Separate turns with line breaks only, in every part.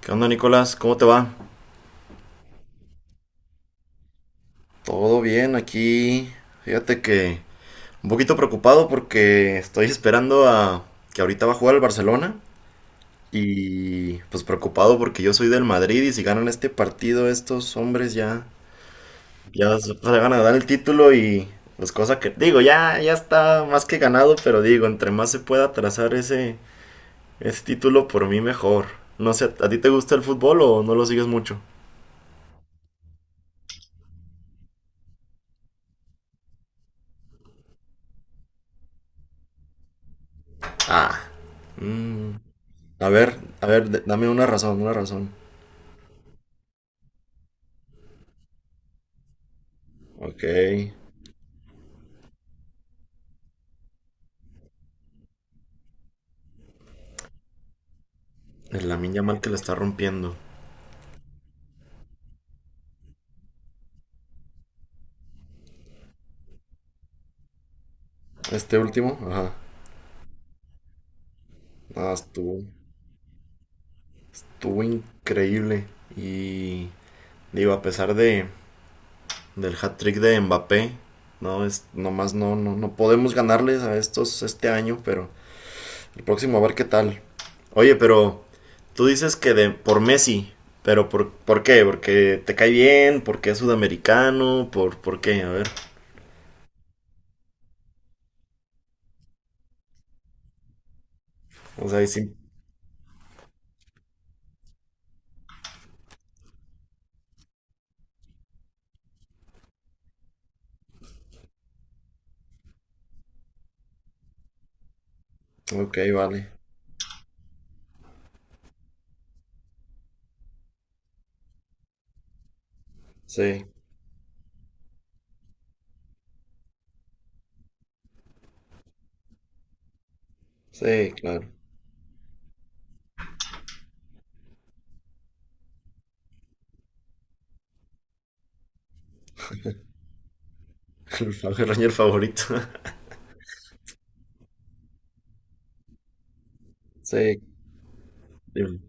¿Qué onda, Nicolás? ¿Cómo te va? Todo bien aquí. Fíjate que un poquito preocupado porque estoy esperando a que ahorita va a jugar el Barcelona y pues preocupado porque yo soy del Madrid y si ganan este partido estos hombres ya se van a dar el título y pues cosa que digo, ya está más que ganado, pero digo, entre más se pueda atrasar ese título por mí mejor. No sé, ¿a ti te gusta el fútbol o no lo sigues mucho? Ah, mm. A ver, dame una razón, una razón. Ok. El Lamine Yamal que la está rompiendo. Este último, ajá. Ah, estuvo increíble. Y digo, a pesar de, del hat-trick de Mbappé, no es, nomás no, no, no podemos ganarles a estos este año, pero el próximo a ver qué tal. Oye, pero tú dices que por Messi, pero ¿por qué? ¿Porque te cae bien? ¿Porque es sudamericano? ¿Por qué? A ver. O sea, y sí. Ok, vale. Sí, sí, claro. El el Ranger favorito. Sí, dime.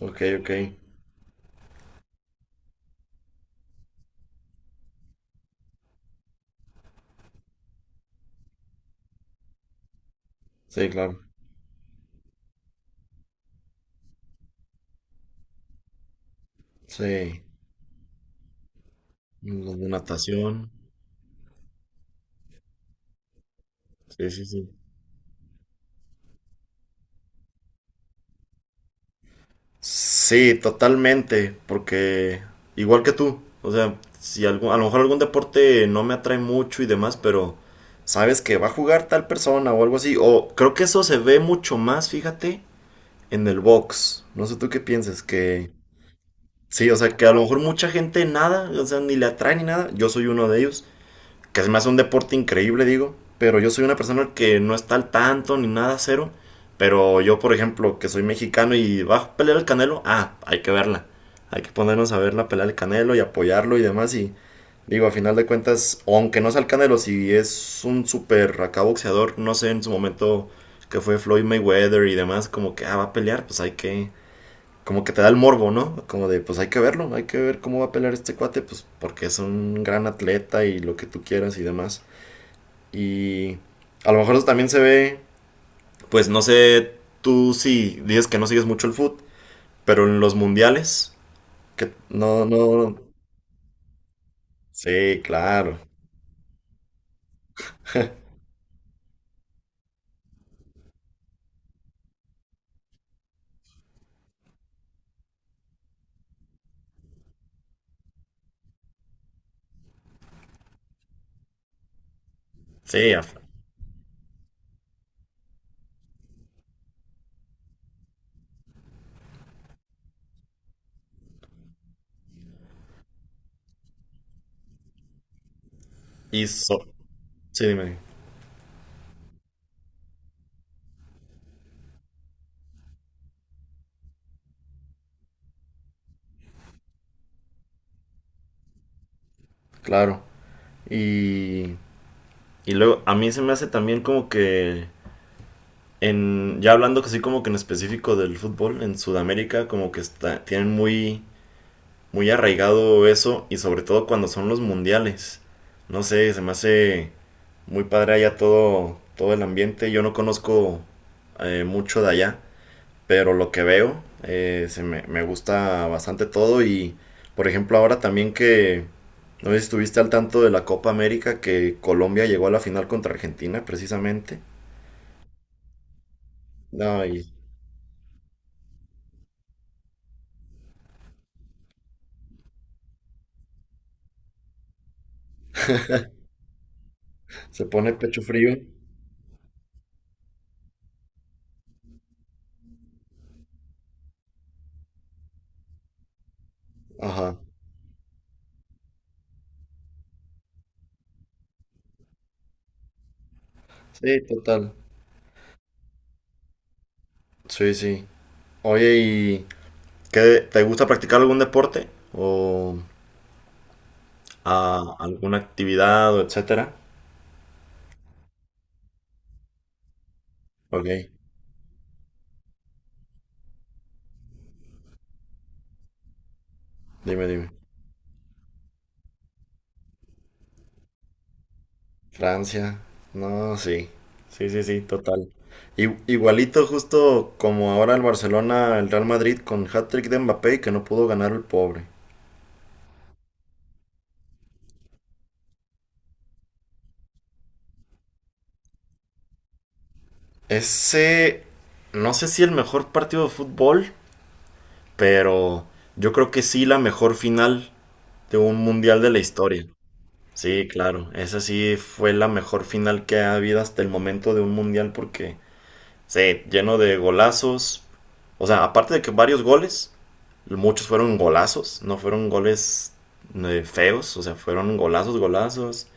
Ok, ok. Sí, claro. Sí. Los de natación. Sí, sí, sí. Sí, totalmente, porque igual que tú, o sea, si algún, a lo mejor algún deporte no me atrae mucho y demás, pero sabes que va a jugar tal persona o algo así, o creo que eso se ve mucho más, fíjate, en el box. No sé tú qué piensas, que sí, o sea, que a lo mejor mucha gente nada, o sea, ni le atrae ni nada. Yo soy uno de ellos, que se me hace un deporte increíble, digo. Pero yo soy una persona que no está al tanto ni nada, cero. Pero yo, por ejemplo, que soy mexicano y va a pelear el Canelo, ah, hay que verla. Hay que ponernos a ver la pelea del Canelo y apoyarlo y demás. Y digo, a final de cuentas, aunque no sea el Canelo, si es un super acá boxeador, no sé en su momento que fue Floyd Mayweather y demás, como que ah, va a pelear, pues hay que, como que te da el morbo, ¿no? Como de, pues hay que verlo, hay que ver cómo va a pelear este cuate, pues porque es un gran atleta y lo que tú quieras y demás. Y a lo mejor eso también se ve, pues no sé, tú sí dices que no sigues mucho el fútbol, pero en los mundiales, que no, no, sí, claro, sí, y sí, dime, claro. Y, y luego a mí se me hace también como que en, ya hablando que sí como que en específico del fútbol, en Sudamérica como que está, tienen muy, muy arraigado eso y sobre todo cuando son los mundiales. No sé, se me hace muy padre allá todo, todo el ambiente. Yo no conozco mucho de allá, pero lo que veo, me gusta bastante todo y por ejemplo ahora también que no sé si estuviste al tanto de la Copa América, que Colombia llegó a la final contra Argentina precisamente. No, y se pone pecho frío. Ajá. Sí, total. Sí, sí. Oye, ¿y qué te gusta practicar algún deporte o alguna actividad o etcétera? Ok, dime, dime. Francia. No, sí. Sí, sí, sí, total. Igualito justo como ahora el Barcelona, el Real Madrid con hat-trick de Mbappé y que no pudo ganar el pobre. Ese, no sé si el mejor partido de fútbol, pero yo creo que sí la mejor final de un mundial de la historia. Sí, claro, esa sí fue la mejor final que ha habido hasta el momento de un mundial porque, sí, lleno de golazos, o sea, aparte de que varios goles, muchos fueron golazos, no fueron goles feos, o sea, fueron golazos, golazos,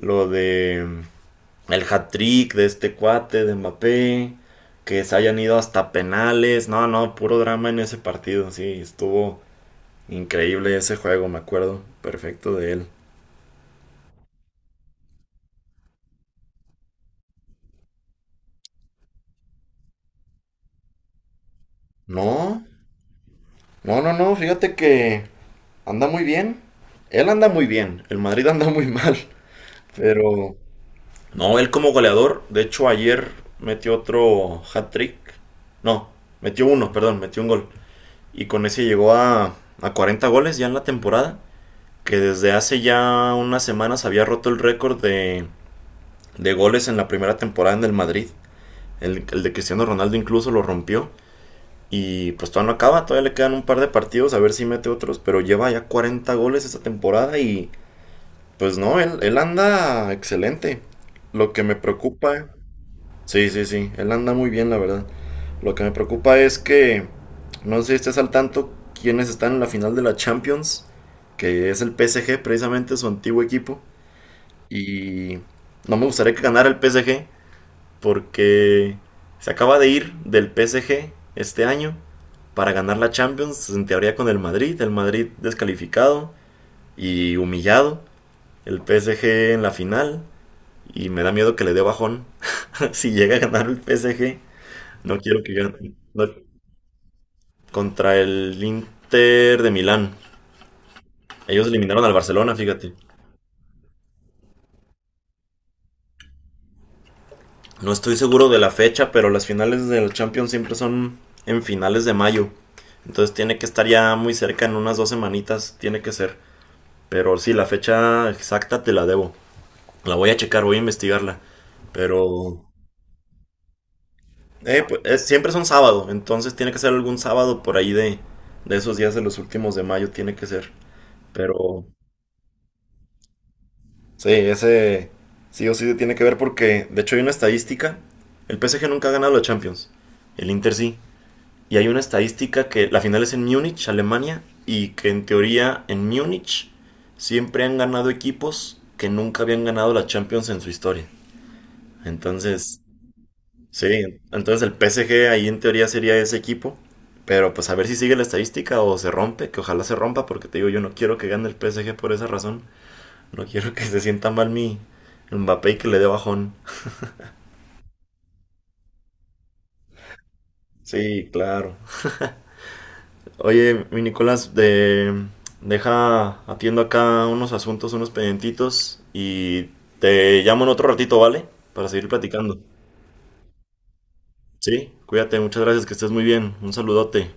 lo de mm, el hat-trick de este cuate de Mbappé, que se hayan ido hasta penales, no, no, puro drama en ese partido, sí, estuvo increíble ese juego, me acuerdo perfecto de él. No. No, no, no, fíjate que anda muy bien. Él anda muy bien, el Madrid anda muy mal, pero. No, él como goleador, de hecho ayer metió otro hat-trick. No, metió uno, perdón, metió un gol. Y con ese llegó a 40 goles ya en la temporada, que desde hace ya unas semanas había roto el récord de goles en la primera temporada en el Madrid. El de Cristiano Ronaldo incluso lo rompió. Y pues todavía no acaba, todavía le quedan un par de partidos a ver si mete otros, pero lleva ya 40 goles esta temporada y pues no, él anda excelente. Lo que me preocupa, sí, sí, sí, él anda muy bien, la verdad. Lo que me preocupa es que no sé si estés al tanto quiénes están en la final de la Champions, que es el PSG, precisamente su antiguo equipo. Y no me gustaría que ganara el PSG porque se acaba de ir del PSG este año para ganar la Champions, en teoría con el Madrid descalificado y humillado, el PSG en la final, y me da miedo que le dé bajón si llega a ganar el PSG, no quiero que gane no, contra el Inter de Milán. Ellos eliminaron al Barcelona, fíjate. No estoy seguro de la fecha, pero las finales del Champions siempre son en finales de mayo. Entonces tiene que estar ya muy cerca, en unas 2 semanitas tiene que ser. Pero sí, la fecha exacta te la debo. La voy a checar, voy a investigarla. Pero pues, siempre es un sábado, entonces tiene que ser algún sábado por ahí de esos días de los últimos de mayo, tiene que ser. Pero sí, ese sí o sí tiene que ver porque, de hecho, hay una estadística. El PSG nunca ha ganado la Champions, el Inter sí. Y hay una estadística que la final es en Múnich, Alemania, y que en teoría en Múnich siempre han ganado equipos que nunca habían ganado la Champions en su historia. Entonces, sí, entonces el PSG ahí en teoría sería ese equipo, pero pues a ver si sigue la estadística o se rompe, que ojalá se rompa, porque te digo, yo no quiero que gane el PSG por esa razón, no quiero que se sienta mal mi Mbappé y que le dé bajón. Sí, claro. Oye, mi Nicolás, deja, atiendo acá unos asuntos, unos pendientitos y te llamo en otro ratito, ¿vale? Para seguir platicando. Sí, cuídate, muchas gracias, que estés muy bien. Un saludote.